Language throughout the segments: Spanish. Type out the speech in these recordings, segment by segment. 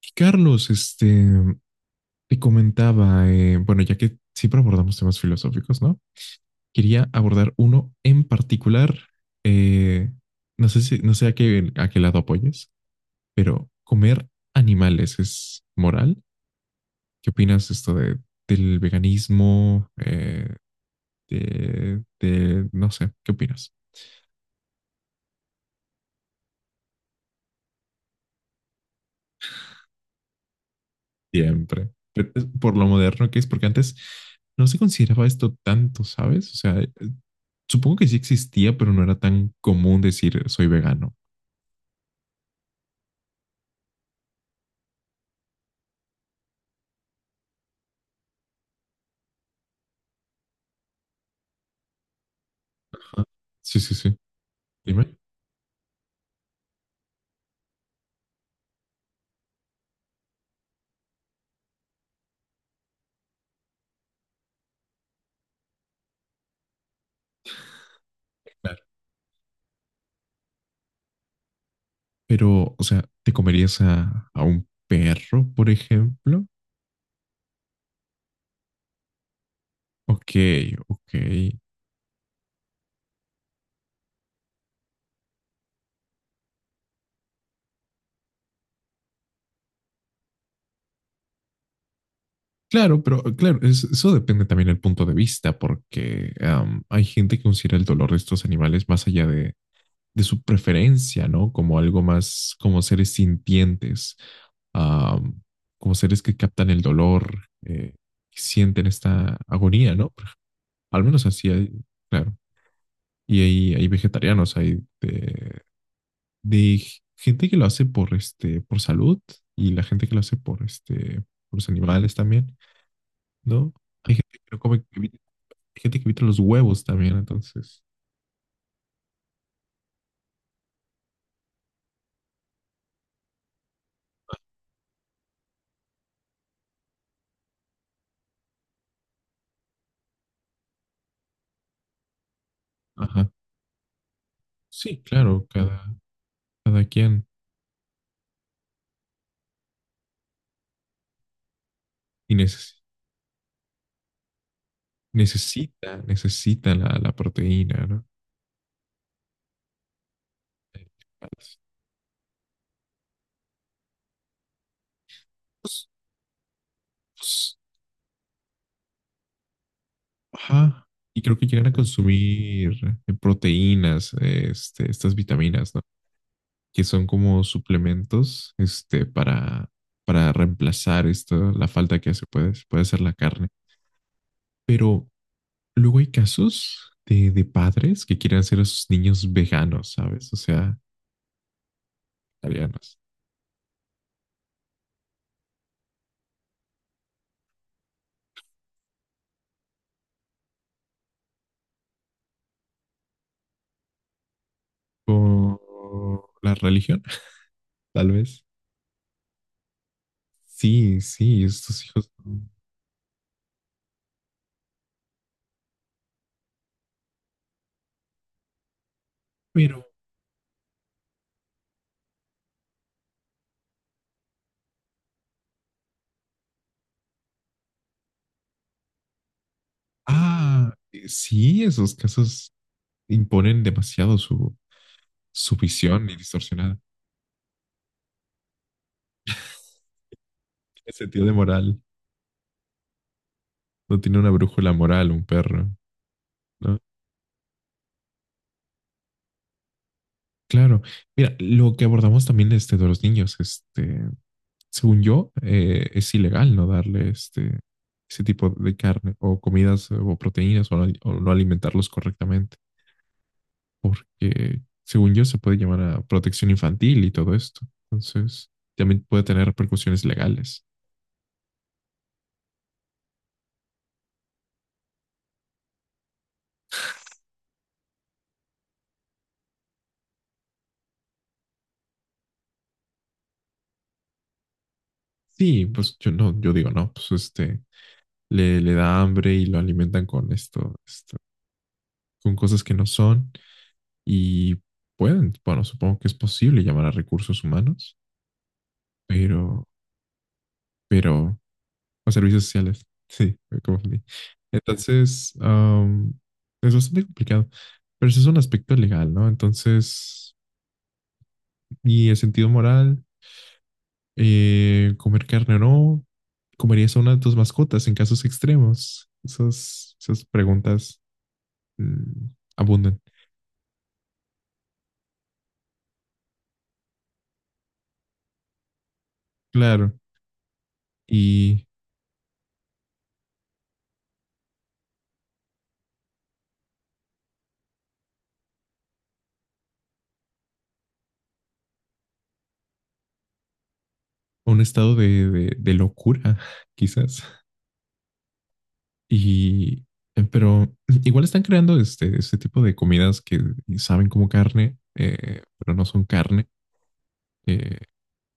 Y Carlos, te comentaba, bueno, ya que siempre abordamos temas filosóficos, ¿no? Quería abordar uno en particular. eh, no sé a qué lado apoyes, pero ¿comer animales es moral? ¿Qué opinas de esto del veganismo? No sé, ¿qué opinas? Siempre. Pero es por lo moderno que es, porque antes no se consideraba esto tanto, ¿sabes? O sea, supongo que sí existía, pero no era tan común decir soy vegano. Sí, sí, sí. Dime. Claro. Pero, o sea, ¿te comerías a, un perro, por ejemplo? Ok, ok. Claro, pero claro, eso depende también del punto de vista, porque hay gente que considera el dolor de estos animales más allá de su preferencia, ¿no? Como algo más, como seres sintientes. am, Como seres que captan el dolor, que sienten esta agonía, ¿no? Al menos así hay, claro. Y hay vegetarianos, hay de gente que lo hace por, por salud, y la gente que lo hace por los animales también, ¿no? Hay gente que no come, hay gente que evita los huevos también, entonces. Ajá. Sí, claro, cada quien. Y necesita la proteína, ¿no? Pues, pues. Ajá. Y creo que llegan a consumir proteínas, estas vitaminas, ¿no? Que son como suplementos, para, reemplazar esto, la falta que hace puede hacer la carne. Pero luego hay casos de padres que quieren hacer a sus niños veganos, ¿sabes? O sea, italianos. Por la religión, tal vez. Sí, sí, estos hijos. Pero, sí, esos casos imponen demasiado su visión ni distorsionada. Tiene sentido de moral. No tiene una brújula moral, un perro, ¿no? Claro. Mira, lo que abordamos también, de los niños, según yo, es ilegal no darle, ese tipo de carne o comidas o proteínas, o no alimentarlos correctamente, porque según yo se puede llamar a protección infantil y todo esto. Entonces, también puede tener repercusiones legales. Sí, pues yo no, yo digo no, pues le da hambre y lo alimentan con esto, con cosas que no son, y bueno, supongo que es posible llamar a recursos humanos, pero, pero, a servicios sociales, sí, me confundí. Entonces, es bastante complicado, pero ese es un aspecto legal, ¿no? Entonces, y el sentido moral, comer carne o no, ¿comerías a una de tus mascotas en casos extremos? Esas, preguntas mm, abundan. Claro. Y a un estado de locura, quizás. Y, pero igual están creando, este tipo de comidas que saben como carne, pero no son carne. eh,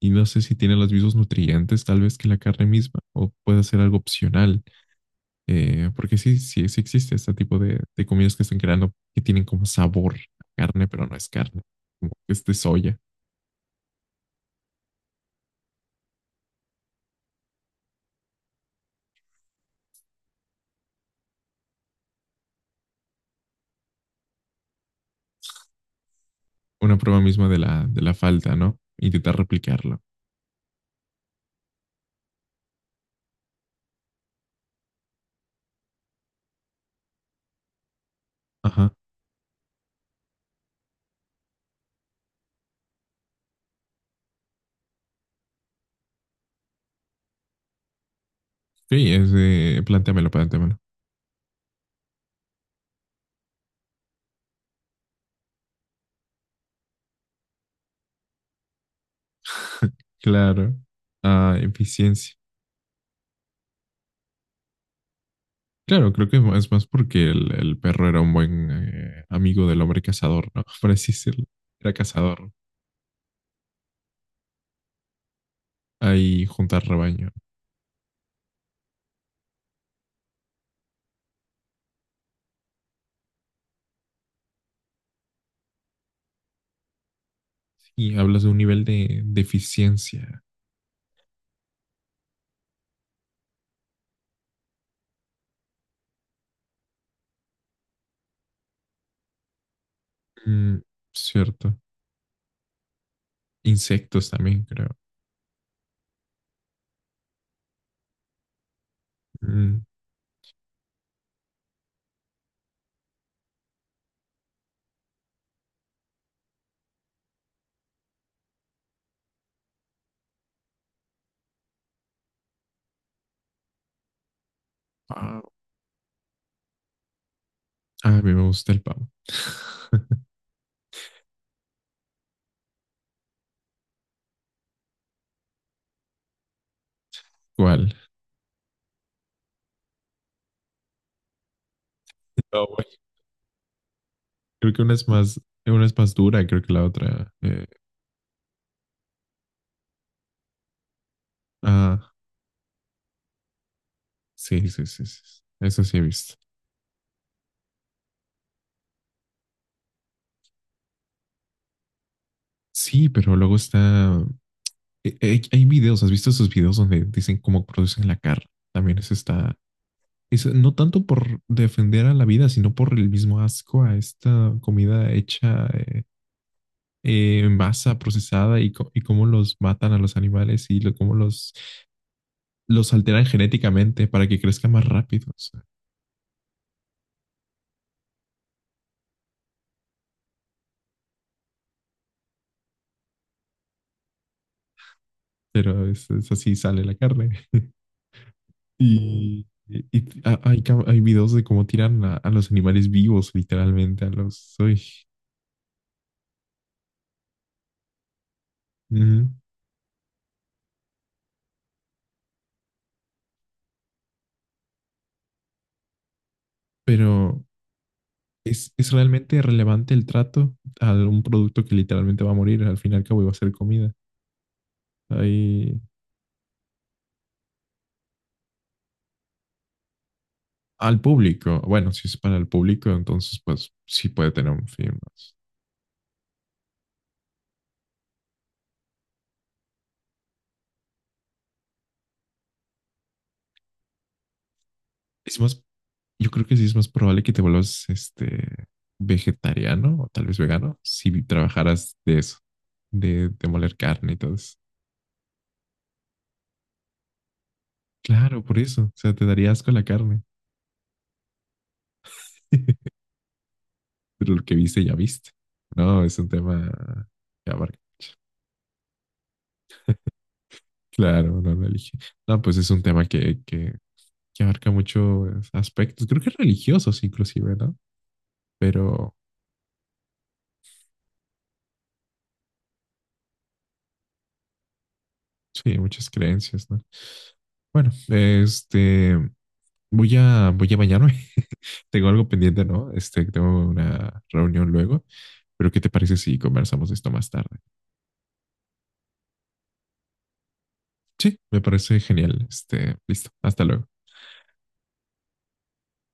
y no sé si tienen los mismos nutrientes tal vez que la carne misma, o puede ser algo opcional. Porque sí, sí, sí existe este tipo de comidas que están creando, que tienen como sabor a carne, pero no es carne. Como que soya. Una prueba misma de la, falta, ¿no? Intentar replicarlo. Ajá. Sí, plantéamelo, plantéamelo. Claro. Ah, eficiencia. Claro, creo que es más porque el perro era un buen amigo del hombre cazador, ¿no? Por así decirlo. Era cazador. Ahí juntar rebaño. Y hablas de un nivel de, eficiencia. Mm, cierto. Insectos también, creo. Mm, pavo. Ah, a mí me gusta el pavo. ¿Cuál? No, güey. Creo que una es más dura, creo que la otra. Ah, sí, sí, sí, sí. Eso sí he visto. Sí, pero luego está. ¿Has visto esos videos donde dicen cómo producen la carne? También es está. Es, no tanto por defender a la vida, sino por el mismo asco a esta comida hecha, en masa, procesada, y y cómo los matan a los animales, y cómo los alteran genéticamente para que crezca más rápido. O sea, pero es así sale la carne. Y, hay videos de cómo tiran a, los animales vivos, literalmente, a los. Uy. Ujú. Pero es realmente relevante el trato a un producto que literalmente va a morir? Al fin y al cabo iba a ser comida. Ahí, al público, bueno, si es para el público, entonces pues sí puede tener un fin más. Es más, yo creo que sí es más probable que te vuelvas vegetariano, o tal vez vegano, si trabajaras de eso, de, moler carne y todo eso. Claro, por eso, o sea, te daría asco la carne, pero lo que viste ya viste. No, es un tema que abarca. Claro, la religión. No, pues es un tema que abarca muchos aspectos, creo que religiosos inclusive, ¿no? Pero sí, muchas creencias, ¿no? Bueno, voy a, bañarme. Tengo algo pendiente, ¿no? Tengo una reunión luego, pero ¿qué te parece si conversamos de esto más tarde? Sí, me parece genial. Listo, hasta luego.